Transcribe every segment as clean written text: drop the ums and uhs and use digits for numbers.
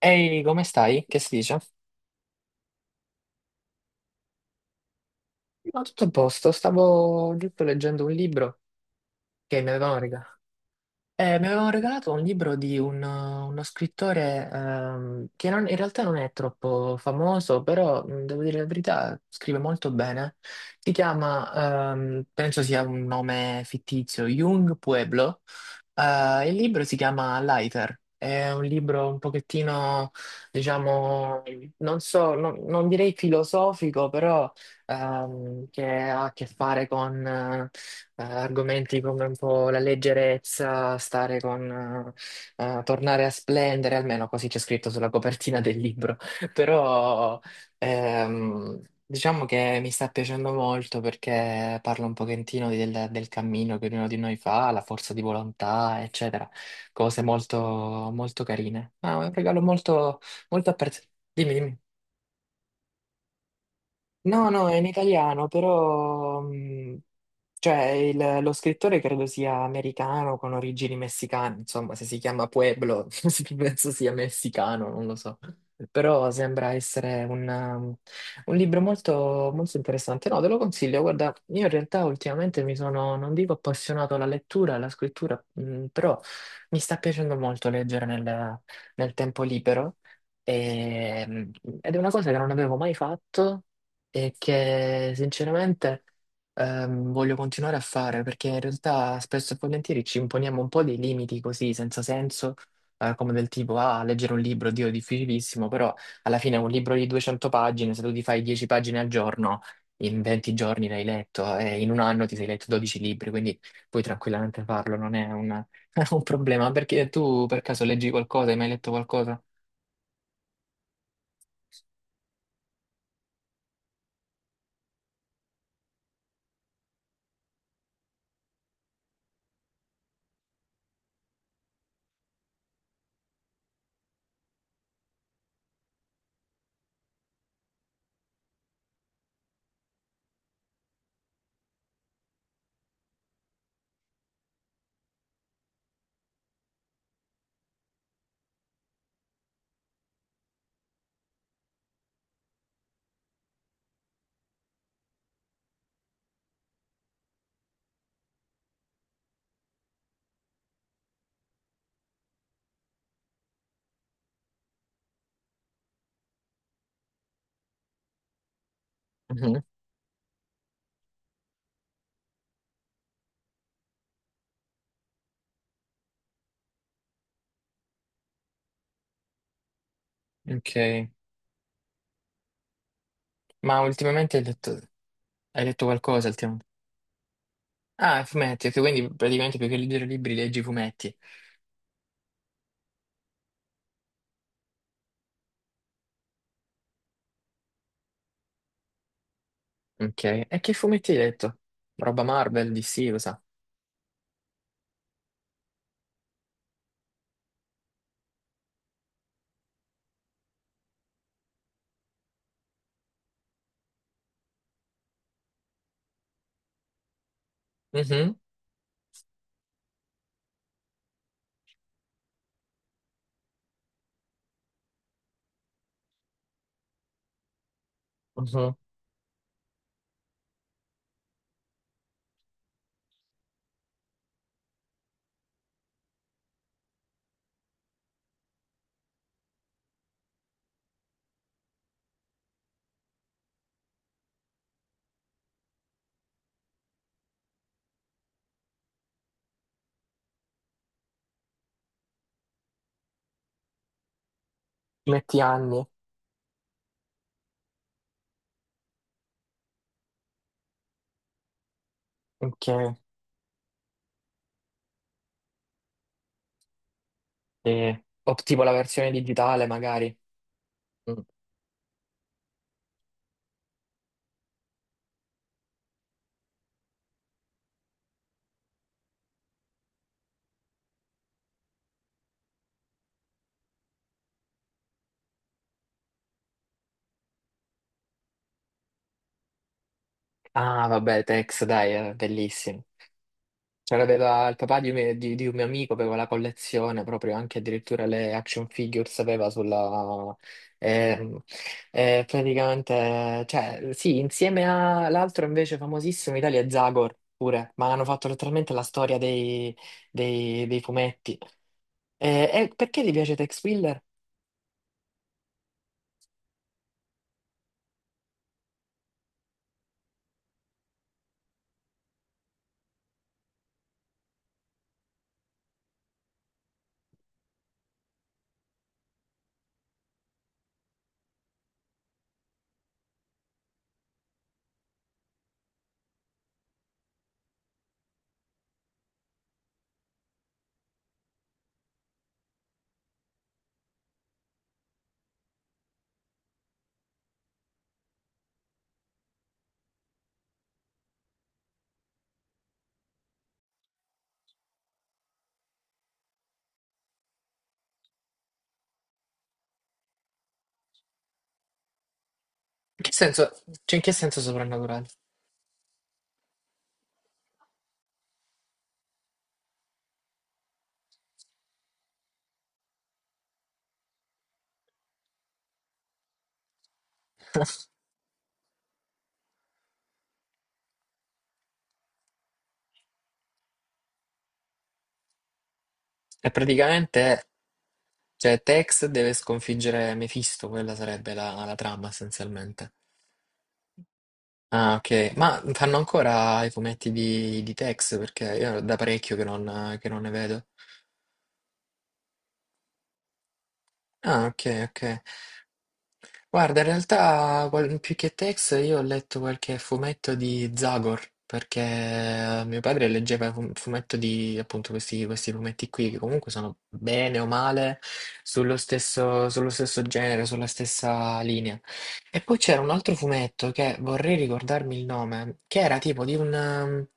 Ehi, come stai? Che si dice? No, tutto a posto. Stavo giusto leggendo un libro che mi avevano mi avevano regalato un libro di uno scrittore che non- in realtà non è troppo famoso, però devo dire la verità, scrive molto bene. Si chiama, penso sia un nome fittizio, Jung Pueblo. Il libro si chiama Lighter. È un libro un pochettino, diciamo, non so, non direi filosofico, però che ha a che fare con argomenti come un po' la leggerezza, stare con, tornare a splendere, almeno così c'è scritto sulla copertina del libro. Però diciamo che mi sta piacendo molto perché parla un pochettino del cammino che ognuno di noi fa, la forza di volontà, eccetera. Cose molto, molto carine. Ah, è un regalo molto, molto apprezzato. Dimmi, dimmi. No, no, è in italiano, però cioè, lo scrittore credo sia americano con origini messicane, insomma, se si chiama Pueblo, penso sia messicano, non lo so. Però sembra essere un libro molto, molto interessante. No, te lo consiglio. Guarda, io in realtà ultimamente mi sono, non dico appassionato alla lettura, alla scrittura, però mi sta piacendo molto leggere nel tempo libero. E- ed è una cosa che non avevo mai fatto e che sinceramente voglio continuare a fare perché in realtà spesso e volentieri ci imponiamo un po' dei limiti così senza senso, come del tipo ah, leggere un libro, Dio, è difficilissimo. Però alla fine un libro di 200 pagine, se tu ti fai 10 pagine al giorno, in 20 giorni l'hai letto e in un anno ti sei letto 12 libri, quindi puoi tranquillamente farlo, non è un, un problema. Perché tu per caso leggi qualcosa, hai mai letto qualcosa? Mhm. Ok, ma ultimamente hai letto, qualcosa? Ah, fumetti, ok, quindi praticamente più che leggere libri leggi fumetti. Ok, e che fumetti hai letto? Roba Marvel, DC, cosa? Mhm, mhm. Fumetti anni, ok. O tipo la versione digitale magari. Mm. Ah, vabbè, Tex, dai, è bellissimo. C'aveva il papà di un mio amico, aveva la collezione proprio anche addirittura le action figures aveva sulla. ehm, praticamente, cioè, sì, insieme all'altro invece famosissimo in Italia è Zagor pure, ma hanno fatto letteralmente la storia dei fumetti. E perché ti piace Tex Willer? In che senso, cioè, in che senso soprannaturale? È praticamente, cioè, Tex deve sconfiggere Mephisto, quella sarebbe la trama essenzialmente. Ah, ok. Ma fanno ancora i fumetti di Tex? Perché io da parecchio che non ne vedo. Ah, ok, ok. Guarda, in realtà più che Tex io ho letto qualche fumetto di Zagor, perché mio padre leggeva un fumetto di appunto questi fumetti qui, che comunque sono bene o male sullo stesso genere, sulla stessa linea. E poi c'era un altro fumetto che vorrei ricordarmi il nome, che era tipo di un, ehm,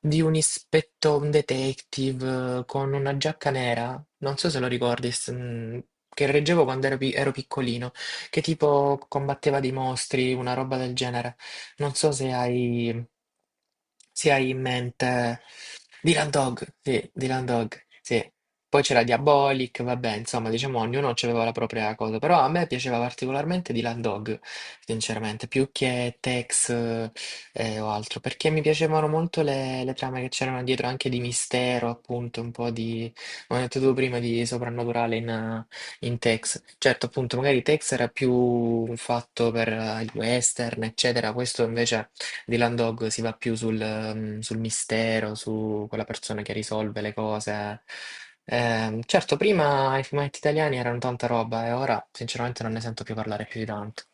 di un ispetto, un detective con una giacca nera, non so se lo ricordi, che reggevo quando ero ero piccolino, che tipo combatteva dei mostri, una roba del genere. Non so se hai in mente Dylan Dog, sì, Dylan Dog, sì. Poi c'era Diabolic, vabbè, insomma, diciamo ognuno aveva la propria cosa, però a me piaceva particolarmente Dylan Dog, sinceramente, più che Tex o altro, perché mi piacevano molto le trame che c'erano dietro, anche di mistero, appunto, un po' di, come ho detto tu prima, di soprannaturale in Tex, certo, appunto, magari Tex era più fatto per il western, eccetera. Questo invece di Landog si va più sul mistero, su quella persona che risolve le cose. Certo, prima i fumetti italiani erano tanta roba e ora sinceramente non ne sento più parlare più di tanto.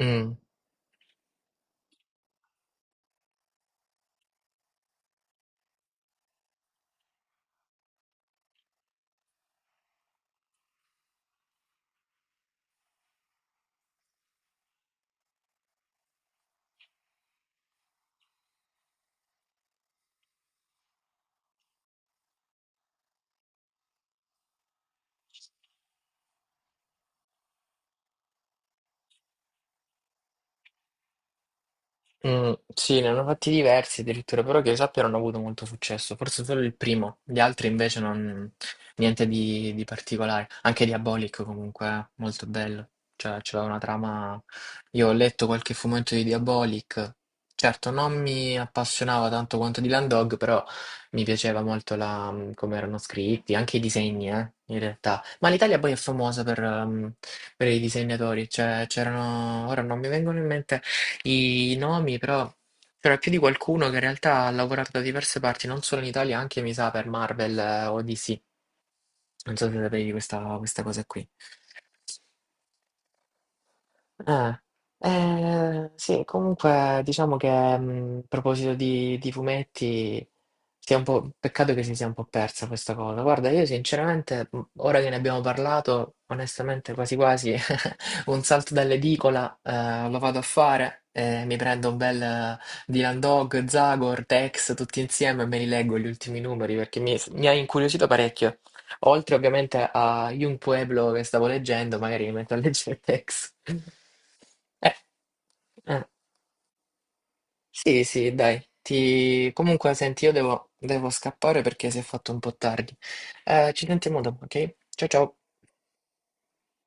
Mm. Mm, sì, ne hanno fatti diversi addirittura, però che io sappia non ha avuto molto successo, forse solo il primo, gli altri invece non, niente di particolare, anche Diabolic comunque, molto bello, cioè c'era una trama, io ho letto qualche fumetto di Diabolic, certo non mi appassionava tanto quanto di Land Dog, però mi piaceva molto come erano scritti, anche i disegni, in realtà, ma l'Italia poi è famosa per i disegnatori, cioè c'erano, ora non mi vengono in mente i nomi, però c'era più di qualcuno che in realtà ha lavorato da diverse parti, non solo in Italia, anche mi sa per Marvel o DC. Non so se sapevi questa cosa qui. Eh, sì, comunque diciamo che a proposito di fumetti, sia un po', peccato che si sia un po' persa questa cosa. Guarda, io sinceramente, ora che ne abbiamo parlato, onestamente quasi quasi un salto dall'edicola lo vado a fare, mi prendo un bel Dylan Dog, Zagor, Tex, tutti insieme e me li leggo gli ultimi numeri perché mi ha incuriosito parecchio. Oltre ovviamente a Young Pueblo che stavo leggendo, magari mi metto a leggere Tex. Eh, eh, Sì, sì, dai. Comunque, senti, io devo scappare perché si è fatto un po' tardi. Ci sentiamo dopo, ok? Ciao ciao.